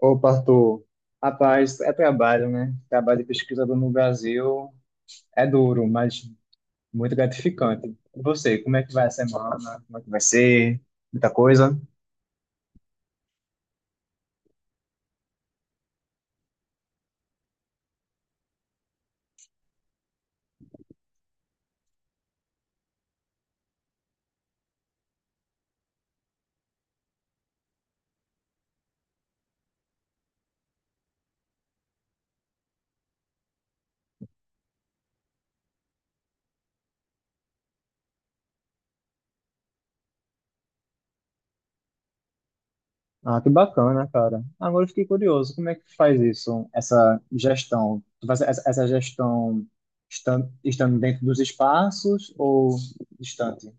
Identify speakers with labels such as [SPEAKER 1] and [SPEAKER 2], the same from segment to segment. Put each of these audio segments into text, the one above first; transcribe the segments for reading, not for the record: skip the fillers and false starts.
[SPEAKER 1] Opa, Arthur. Rapaz, é trabalho, né? Trabalho de pesquisador no Brasil é duro, mas muito gratificante. E você, como é que vai a semana? Como é que vai ser? Muita coisa? Ah, que bacana, cara. Agora eu fiquei curioso, como é que faz isso, essa gestão? Tu faz essa gestão estando dentro dos espaços ou distante?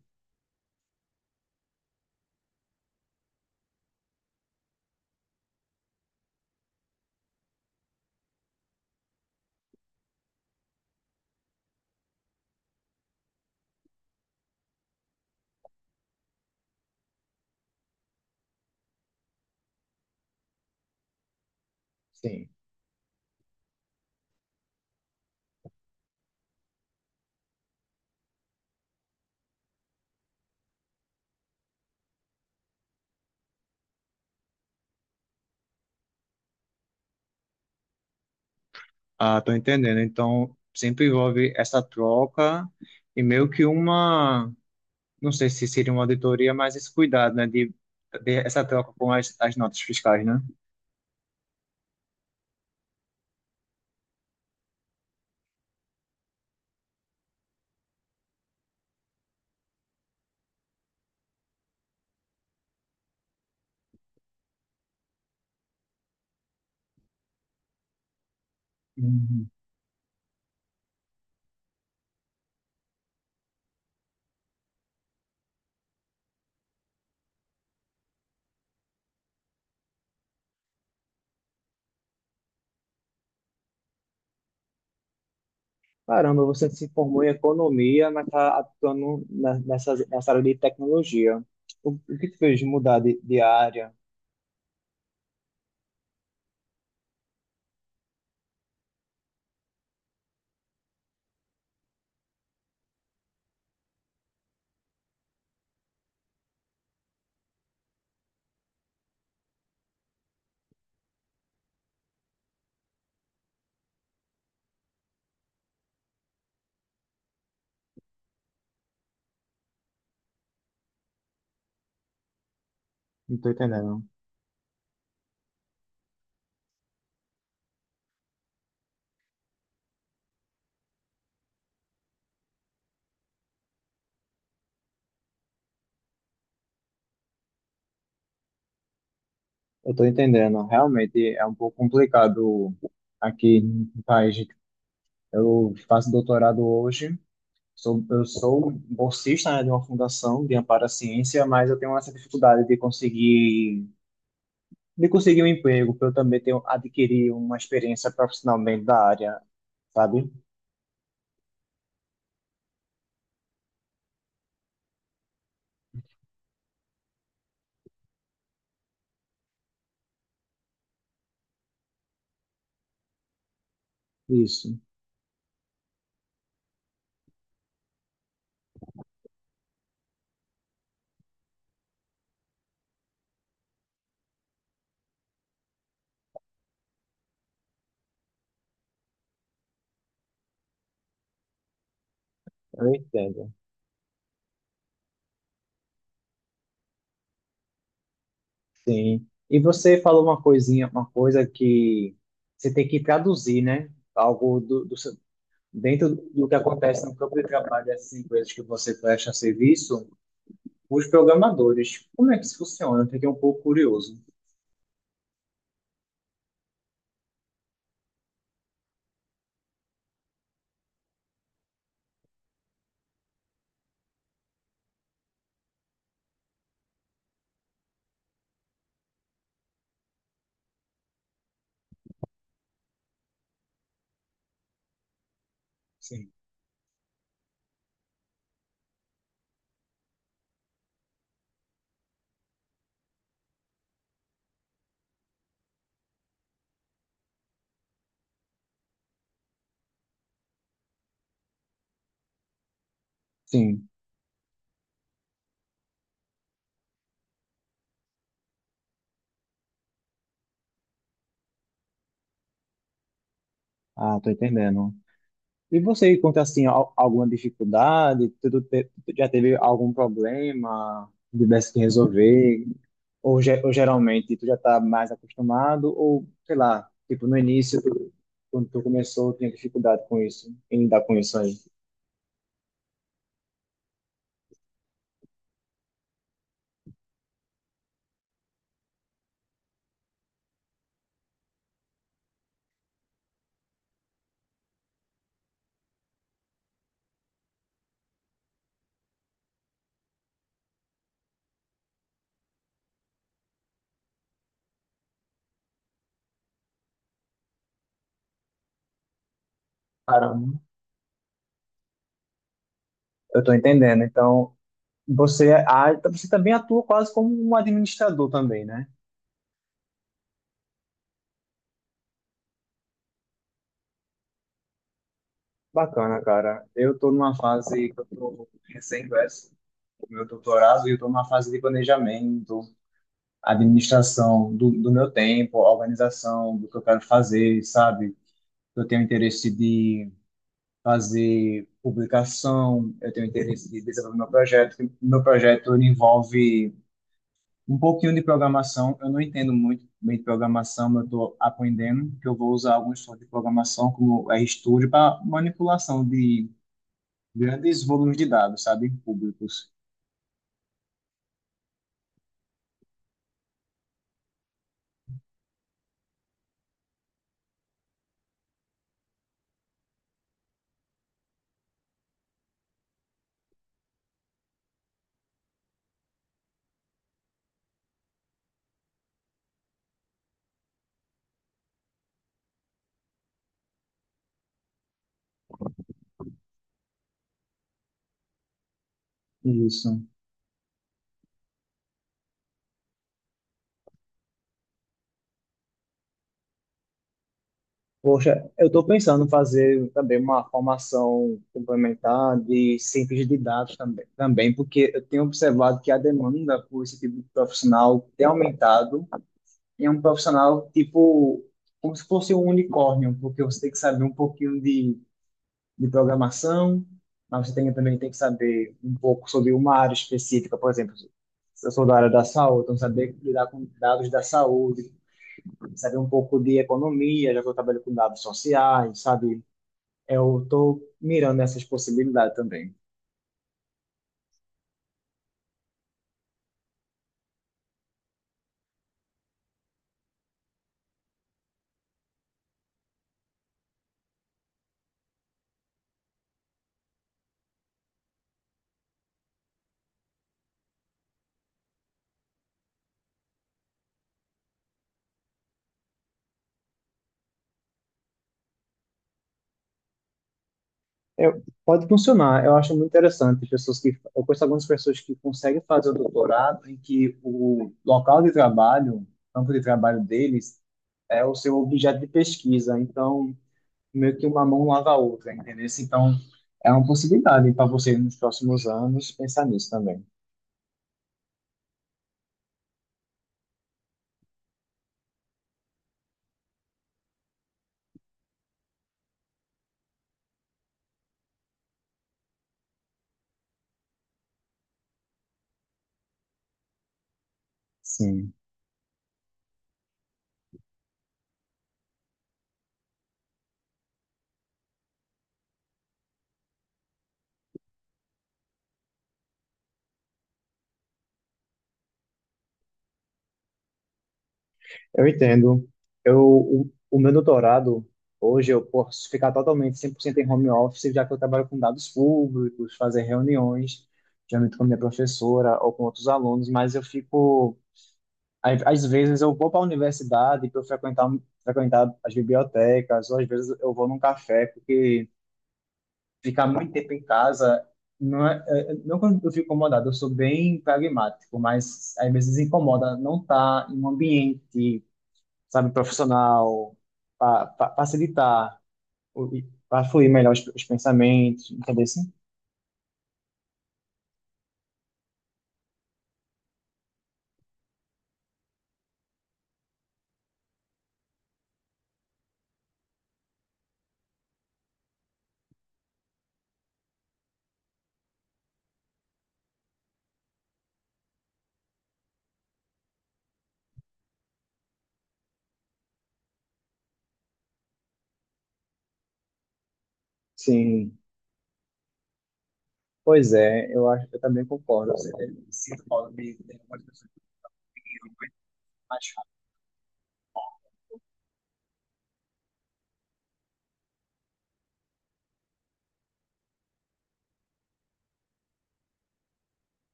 [SPEAKER 1] Sim. Ah, tô entendendo. Então, sempre envolve essa troca e meio que uma não sei se seria uma auditoria, mas esse cuidado, né, de essa troca com as notas fiscais, né? Uhum. Caramba, você se formou em economia, mas está atuando nessa, nessa área de tecnologia. O que te fez mudar de área? Não estou entendendo. Eu estou entendendo. Realmente é um pouco complicado aqui no país. Eu faço doutorado hoje. Sou, eu sou um bolsista, né, de uma fundação de amparo à ciência, mas eu tenho essa dificuldade de conseguir um emprego, para eu também ter, um, adquirir uma experiência profissionalmente da área, sabe? Isso, eu entendo. Sim. E você falou uma coisinha, uma coisa que você tem que traduzir, né? Algo do dentro do que acontece no campo de trabalho dessas empresas que você presta serviço, os programadores. Como é que isso funciona? Eu fiquei um pouco curioso. Sim. Sim. Ah, tô entendendo. E você encontra assim alguma dificuldade? Já teve algum problema que tivesse que resolver? Ou, ou geralmente tu já está mais acostumado? Ou sei lá, tipo no início, quando tu começou, tinha dificuldade com isso, em lidar com isso aí? Caramba, eu tô entendendo. Então você, é, então você também atua quase como um administrador também, né? Bacana, cara. Eu tô numa fase que eu tô recém-verso. Meu doutorado e eu tô numa fase de planejamento, a administração do meu tempo, a organização do que eu quero fazer, sabe? Eu tenho interesse de fazer publicação, eu tenho interesse de desenvolver meu projeto. Meu projeto ele envolve um pouquinho de programação. Eu não entendo muito bem de programação, mas eu estou aprendendo que eu vou usar alguns softwares de programação, como o RStudio, para manipulação de grandes volumes de dados, sabe, públicos. É isso. Poxa, eu estou pensando em fazer também uma formação complementar de ciência de dados também, também, porque eu tenho observado que a demanda por esse tipo de profissional tem aumentado. E é um profissional tipo como se fosse um unicórnio, porque você tem que saber um pouquinho de programação, mas você tem, também tem que saber um pouco sobre uma área específica, por exemplo, se eu sou da área da saúde, então saber lidar com dados da saúde, saber um pouco de economia, já que eu trabalho com dados sociais, sabe? Eu estou mirando essas possibilidades também. Eu- pode funcionar, eu acho muito interessante pessoas que eu conheço algumas pessoas que conseguem fazer o doutorado em que o local de trabalho, campo de trabalho deles é o seu objeto de pesquisa, então meio que uma mão lava a outra, entendeu? Então é uma possibilidade para você nos próximos anos pensar nisso também. Sim. Eu entendo. O meu doutorado, hoje eu posso ficar totalmente 100% em home office, já que eu trabalho com dados públicos, fazer reuniões, geralmente com a minha professora ou com outros alunos, mas eu fico. Às vezes eu vou para a universidade para eu frequentar, frequentar as bibliotecas, ou às vezes eu vou num café, porque ficar muito tempo em casa. Não, não quando eu fico incomodado, eu sou bem pragmático, mas às vezes incomoda não estar em um ambiente sabe, profissional, para facilitar, para fluir melhor os pensamentos, entendeu? Sim, sim. Pois é, eu acho, eu também concordo. Você sinto falta de ter uma pessoa que eu mais rápido.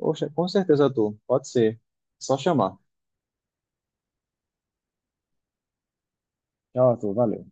[SPEAKER 1] Poxa, com certeza, tu pode ser, só chamar. Tchau, Arthur, valeu.